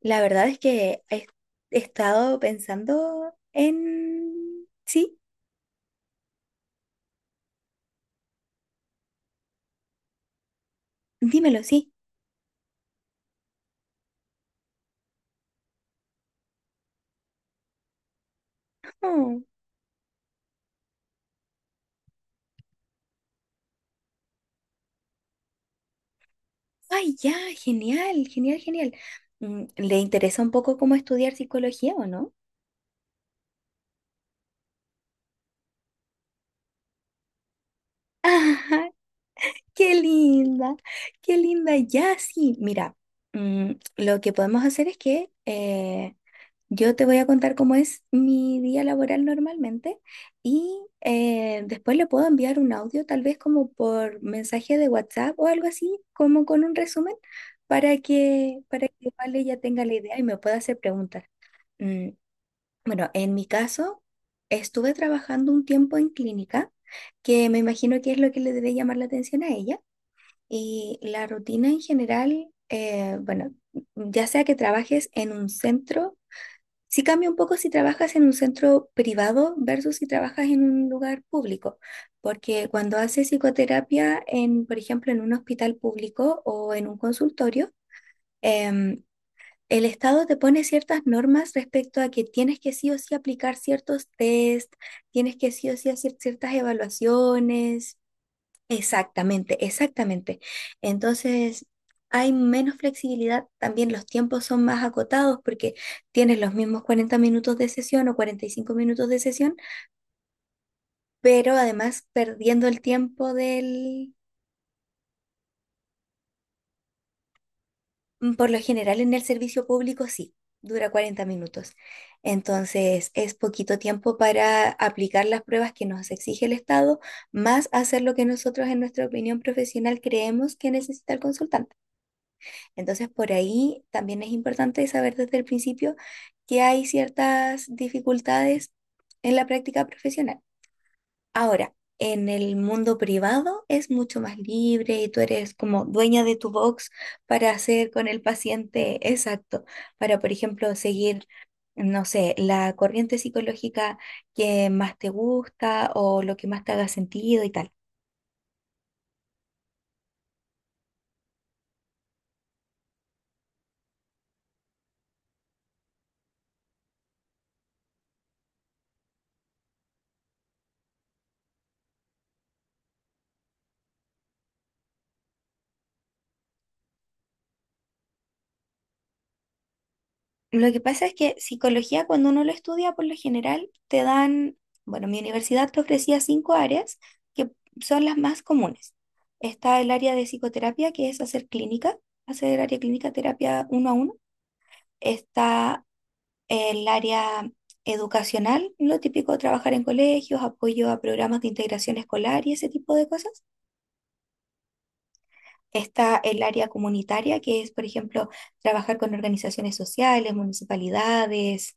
La verdad es que he estado pensando en. Sí, dímelo, sí. Oh, ay, ya, genial, genial, genial. ¿Le interesa un poco cómo estudiar psicología o no? Ajá, qué linda, qué linda, ya, sí. Mira, mm, lo que podemos hacer es que yo te voy a contar cómo es mi día laboral normalmente y después le puedo enviar un audio, tal vez como por mensaje de WhatsApp o algo así, como con un resumen, para que Vale ya tenga la idea y me pueda hacer preguntas. Mm, bueno, en mi caso, estuve trabajando un tiempo en clínica, que me imagino que es lo que le debe llamar la atención a ella. Y la rutina en general, bueno, ya sea que trabajes en un centro, sí cambia un poco si trabajas en un centro privado versus si trabajas en un lugar público, porque cuando haces psicoterapia en, por ejemplo, en un hospital público o en un consultorio, em, el Estado te pone ciertas normas respecto a que tienes que sí o sí aplicar ciertos test, tienes que sí o sí hacer ciertas evaluaciones. Exactamente, exactamente. Entonces, hay menos flexibilidad, también los tiempos son más acotados porque tienes los mismos 40 minutos de sesión o 45 minutos de sesión, pero además perdiendo el tiempo del. Por lo general en el servicio público sí, dura 40 minutos. Entonces, es poquito tiempo para aplicar las pruebas que nos exige el Estado, más hacer lo que nosotros en nuestra opinión profesional creemos que necesita el consultante. Entonces, por ahí también es importante saber desde el principio que hay ciertas dificultades en la práctica profesional. Ahora, en el mundo privado es mucho más libre y tú eres como dueña de tu box para hacer con el paciente exacto, para, por ejemplo, seguir, no sé, la corriente psicológica que más te gusta o lo que más te haga sentido y tal. Lo que pasa es que psicología, cuando uno lo estudia, por lo general te dan, bueno, mi universidad te ofrecía cinco áreas que son las más comunes. Está el área de psicoterapia, que es hacer clínica, hacer área clínica, terapia uno a uno. Está el área educacional, lo típico, trabajar en colegios, apoyo a programas de integración escolar y ese tipo de cosas. Está el área comunitaria, que es, por ejemplo, trabajar con organizaciones sociales, municipalidades.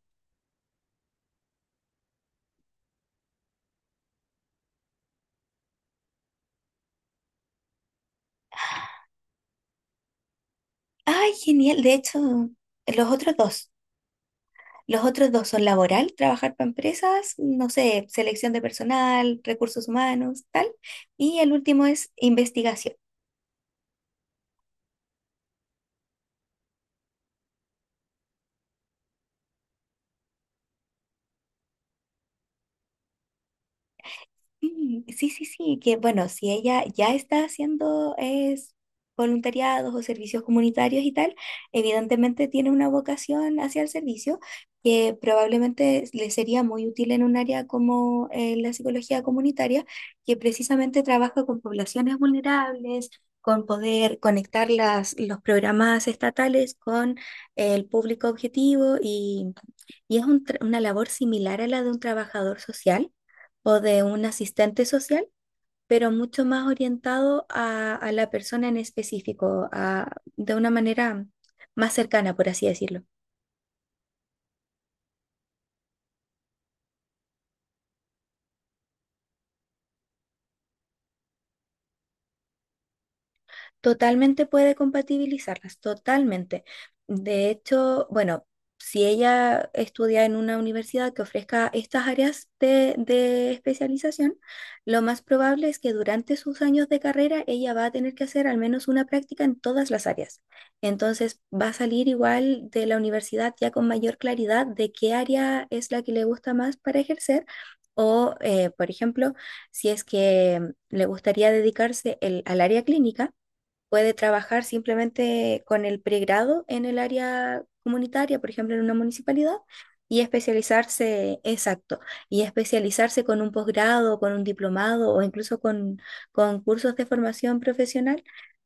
Ay, genial. De hecho, los otros dos. Los otros dos son laboral, trabajar para empresas, no sé, selección de personal, recursos humanos, tal. Y el último es investigación. Mm, sí, sí, sí, que bueno, si ella ya está haciendo es, voluntariados o servicios comunitarios y tal, evidentemente tiene una vocación hacia el servicio que probablemente le sería muy útil en un área como la psicología comunitaria, que precisamente trabaja con poblaciones vulnerables, con poder conectar las, los programas estatales con el público objetivo y es un una labor similar a la de un trabajador social o de un asistente social, pero mucho más orientado a la persona en específico, de una manera más cercana, por así decirlo. Totalmente puede compatibilizarlas, totalmente. De hecho, bueno, si ella estudia en una universidad que ofrezca estas áreas de especialización, lo más probable es que durante sus años de carrera ella va a tener que hacer al menos una práctica en todas las áreas. Entonces va a salir igual de la universidad ya con mayor claridad de qué área es la que le gusta más para ejercer. O, por ejemplo, si es que le gustaría dedicarse al área clínica puede trabajar simplemente con el pregrado en el área comunitaria, por ejemplo, en una municipalidad, y especializarse, exacto, y especializarse con un posgrado, con un diplomado o incluso con cursos de formación profesional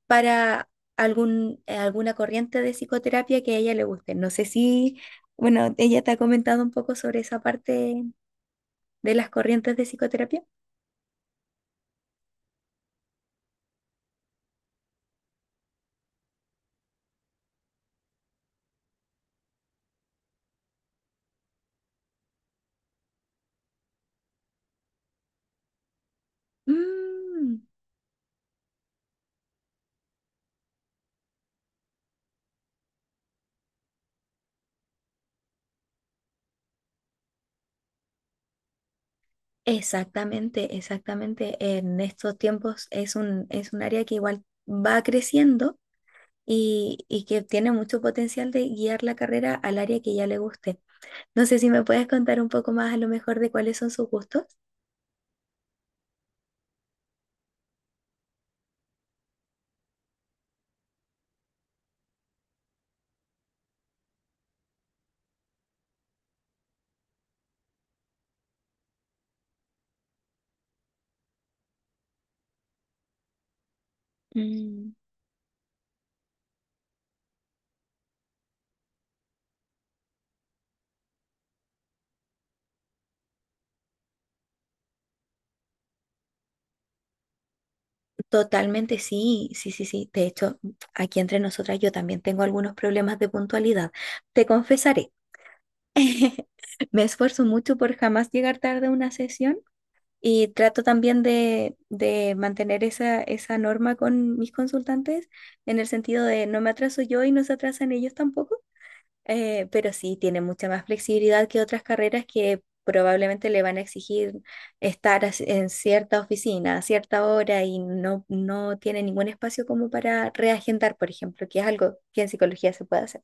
para algún, alguna corriente de psicoterapia que a ella le guste. No sé si, bueno, ella te ha comentado un poco sobre esa parte de las corrientes de psicoterapia. Mm. Exactamente, exactamente. En estos tiempos es un área que igual va creciendo y que tiene mucho potencial de guiar la carrera al área que ya le guste. No sé si me puedes contar un poco más a lo mejor de cuáles son sus gustos. Mm, Totalmente, sí, sí, sí, sí. De hecho, aquí entre nosotras yo también tengo algunos problemas de puntualidad. Te confesaré. Me esfuerzo mucho por jamás llegar tarde a una sesión. Y trato también de mantener esa norma con mis consultantes, en el sentido de no me atraso yo y no se atrasan ellos tampoco, pero sí tiene mucha más flexibilidad que otras carreras que probablemente le van a exigir estar en cierta oficina a cierta hora y no, no tiene ningún espacio como para reagendar, por ejemplo, que es algo que en psicología se puede hacer.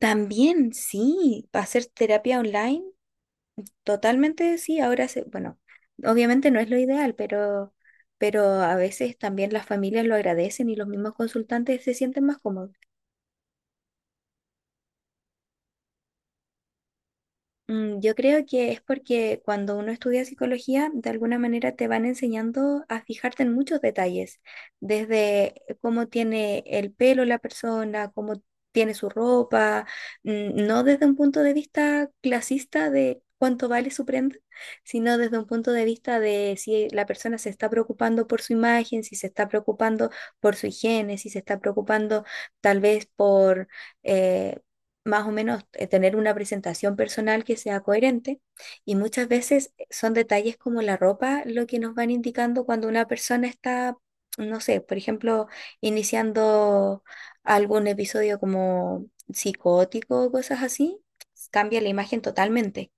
También sí, hacer terapia online. Totalmente sí, ahora se, bueno, obviamente no es lo ideal, pero a veces también las familias lo agradecen y los mismos consultantes se sienten más cómodos. Yo creo que es porque cuando uno estudia psicología, de alguna manera te van enseñando a fijarte en muchos detalles, desde cómo tiene el pelo la persona, cómo tiene su ropa, no desde un punto de vista clasista de cuánto vale su prenda, sino desde un punto de vista de si la persona se está preocupando por su imagen, si se está preocupando por su higiene, si se está preocupando tal vez por eh, más o menos tener una presentación personal que sea coherente y muchas veces son detalles como la ropa lo que nos van indicando cuando una persona está, no sé, por ejemplo, iniciando algún episodio como psicótico o cosas así, cambia la imagen totalmente.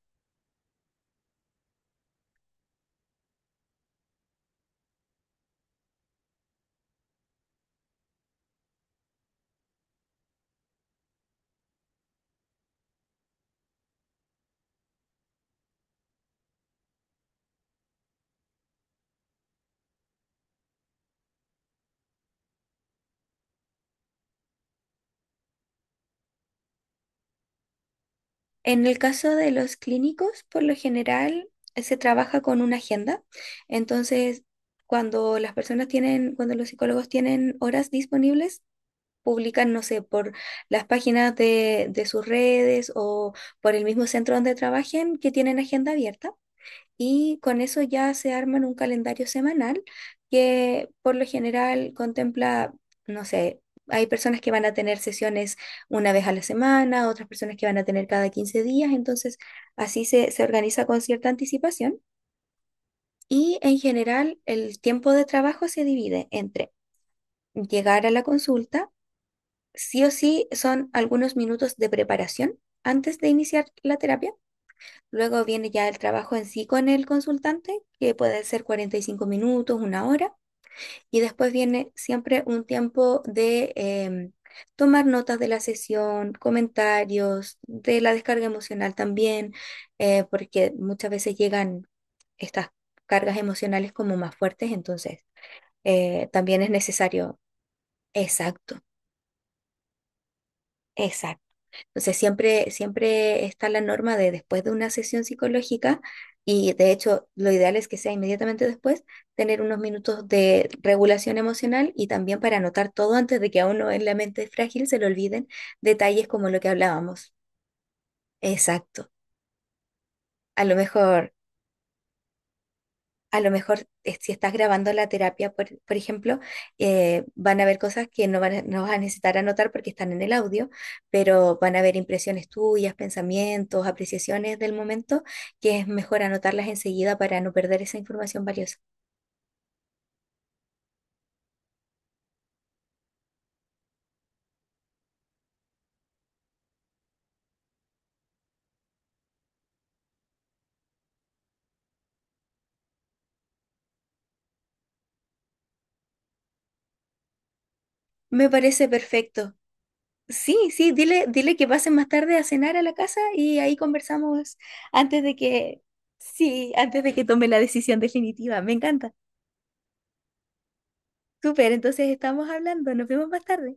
En el caso de los clínicos, por lo general se trabaja con una agenda, entonces. Cuando las personas tienen, cuando los psicólogos tienen horas disponibles, publican, no sé, por las páginas de sus redes o por el mismo centro donde trabajen que tienen agenda abierta. Y con eso ya se arman un calendario semanal que por lo general contempla, no sé, hay personas que van a tener sesiones una vez a la semana, otras personas que van a tener cada 15 días, entonces así se organiza con cierta anticipación. Y en general el tiempo de trabajo se divide entre llegar a la consulta. Sí o sí son algunos minutos de preparación antes de iniciar la terapia. Luego viene ya el trabajo en sí con el consultante, que puede ser 45 minutos, una hora. Y después viene siempre un tiempo de tomar notas de la sesión, comentarios, de la descarga emocional también, porque muchas veces llegan estas cargas emocionales como más fuertes, entonces también es necesario. Exacto, exacto. Entonces, siempre, siempre está la norma de después de una sesión psicológica, y de hecho lo ideal es que sea inmediatamente después, tener unos minutos de regulación emocional y también para anotar todo antes de que a uno en la mente frágil se le olviden detalles como lo que hablábamos. Exacto. A lo mejor A lo mejor, si estás grabando la terapia, por ejemplo, van a haber cosas que no, no vas a necesitar anotar porque están en el audio, pero van a haber impresiones tuyas, pensamientos, apreciaciones del momento, que es mejor anotarlas enseguida para no perder esa información valiosa. Me parece perfecto. Sí, sí, dile, dile que pasen más tarde a cenar a la casa y ahí conversamos antes de que, sí, antes de que tome la decisión definitiva. Me encanta. Súper, entonces estamos hablando. Nos vemos más tarde.